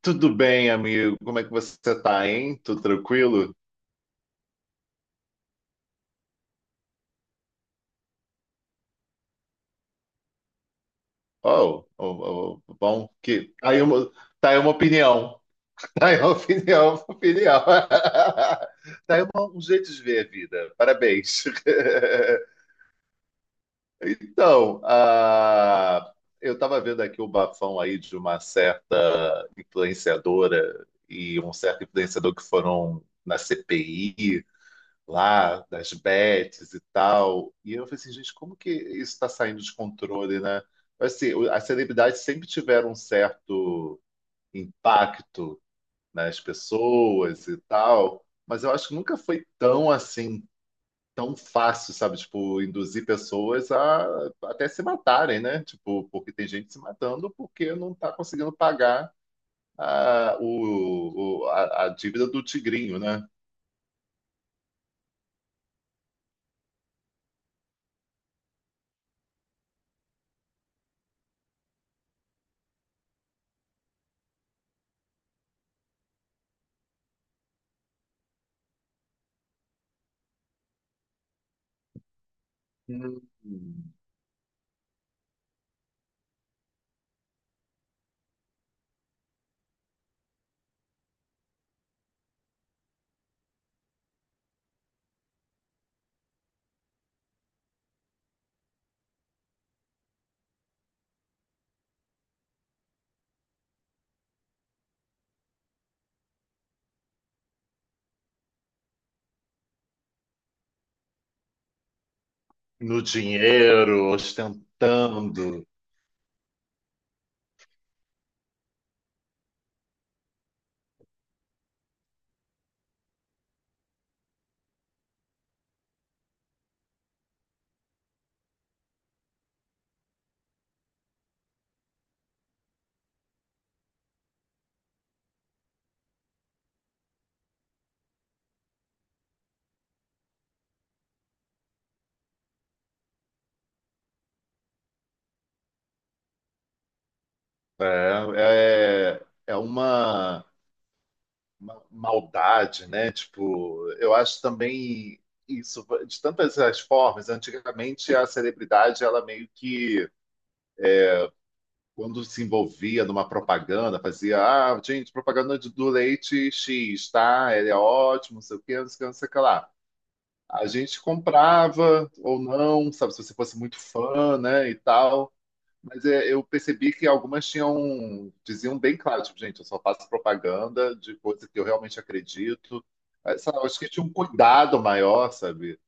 Tudo bem, amigo? Como é que você tá, hein? Tudo tranquilo? Oh, oh, oh, bom que tá aí tá aí uma opinião. Tá aí uma opinião, uma opinião. Tá aí um jeito de ver a vida. Parabéns. Então, eu estava vendo aqui o bafão aí de uma certa influenciadora e um certo influenciador que foram na CPI lá das bets e tal. E eu falei assim, gente, como que isso está saindo de controle, né? Mas, assim, as celebridades sempre tiveram um certo impacto nas pessoas e tal, mas eu acho que nunca foi tão assim, tão fácil, sabe? Tipo, induzir pessoas a até se matarem, né? Tipo, porque tem gente se matando porque não está conseguindo pagar a, o- a dívida do tigrinho, né? Hum, no dinheiro, ostentando. É, é, é uma maldade, né? Tipo, eu acho também isso, de tantas as formas, antigamente a celebridade, ela meio que, quando se envolvia numa propaganda, fazia, ah, gente, propaganda do leite X, tá? Ele é ótimo, não sei o quê, não sei o que, não sei o que lá. A gente comprava ou não, sabe, se você fosse muito fã, né, e tal. Mas é, eu percebi que algumas tinham, diziam bem claro, tipo, gente, eu só faço propaganda de coisa que eu realmente acredito. É, sabe, eu acho que tinha um cuidado maior, sabe?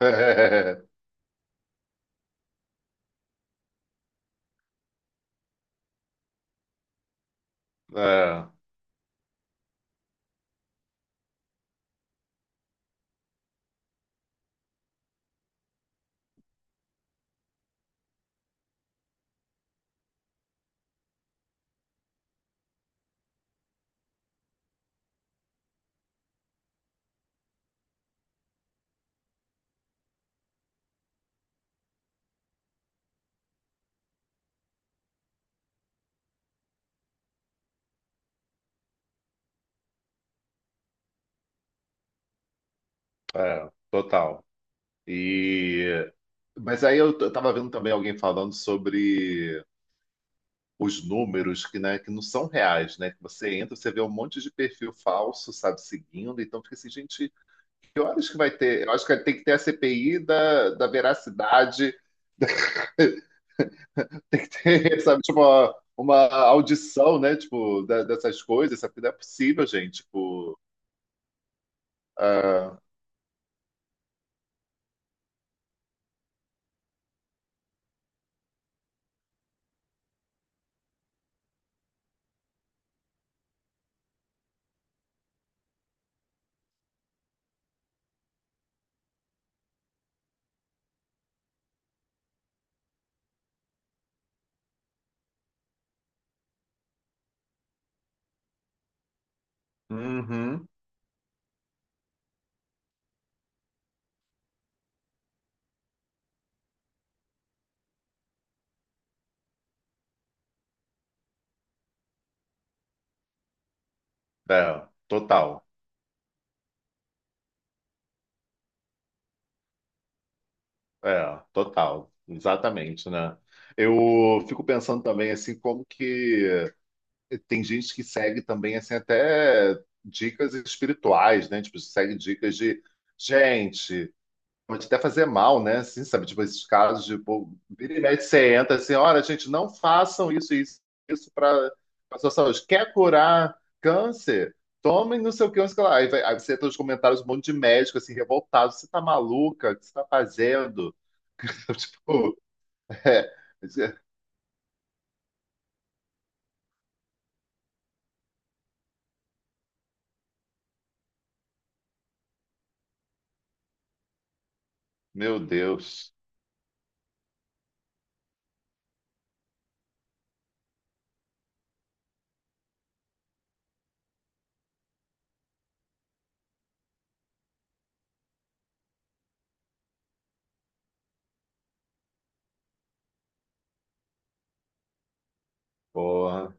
É, é, total. E, mas aí eu tava vendo também alguém falando sobre os números que, né, que não são reais, né? Que você entra, você vê um monte de perfil falso, sabe, seguindo. Então fica assim, gente, que horas que vai ter? Eu acho que tem que ter a CPI da veracidade. Sabe, tipo, uma audição, né? Tipo, dessas coisas, sabe? Não é possível, gente. Tipo, ah, uhum. É, total. É, total. Exatamente, né? Eu fico pensando também, assim, como que tem gente que segue também, assim, até dicas espirituais, né? Tipo, segue dicas de, gente, pode até fazer mal, né? Assim, sabe? Tipo, esses casos de, pô, vira e mexe, você entra assim, olha, gente, não façam isso, isso, isso para a sua saúde. Quer curar câncer? Tomem não sei o que, não sei o que lá. Aí, vai- aí você entra nos comentários um monte de médico, assim, revoltado. Você tá maluca? O que você tá fazendo? Tipo, é, meu Deus, porra.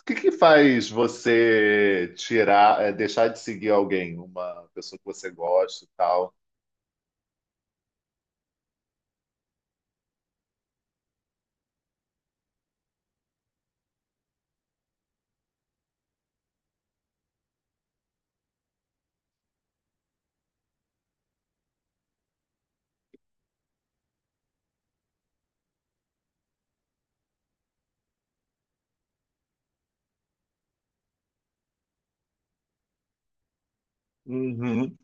O que que faz você tirar, é, deixar de seguir alguém, uma pessoa que você gosta e tal? Uhum.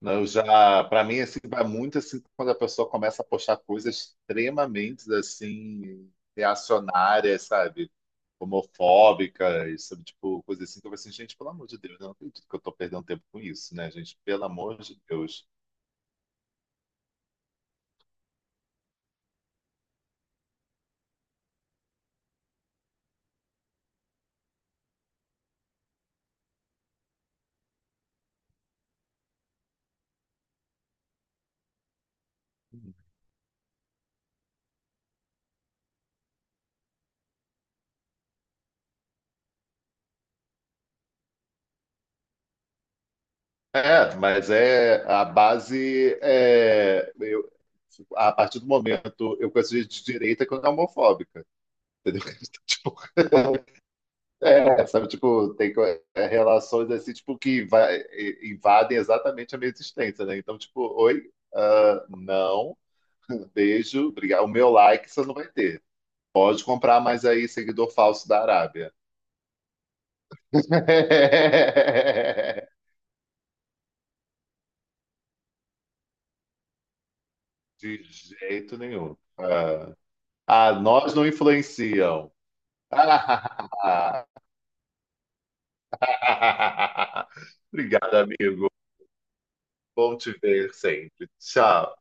Não, eu já, para mim, assim, vai muito assim quando a pessoa começa a postar coisas extremamente assim reacionárias, sabe? Homofóbicas, sabe? Tipo, coisa assim que eu falo assim, gente, pelo amor de Deus, eu não acredito que eu tô perdendo tempo com isso, né, gente? Pelo amor de Deus. É, mas é a base é, eu, a partir do momento eu conheço gente de direita que não é homofóbica, entendeu? Tipo, é, sabe, tipo, é, relações assim, tipo, que invadem exatamente a minha existência, né? Então, tipo, oi, ah, não, beijo, obrigado. O meu like você não vai ter. Pode comprar mais aí, seguidor falso da Arábia. De jeito nenhum. Ah, ah, nós não influenciam. Obrigado, amigo. Bom te ver sempre. Tchau.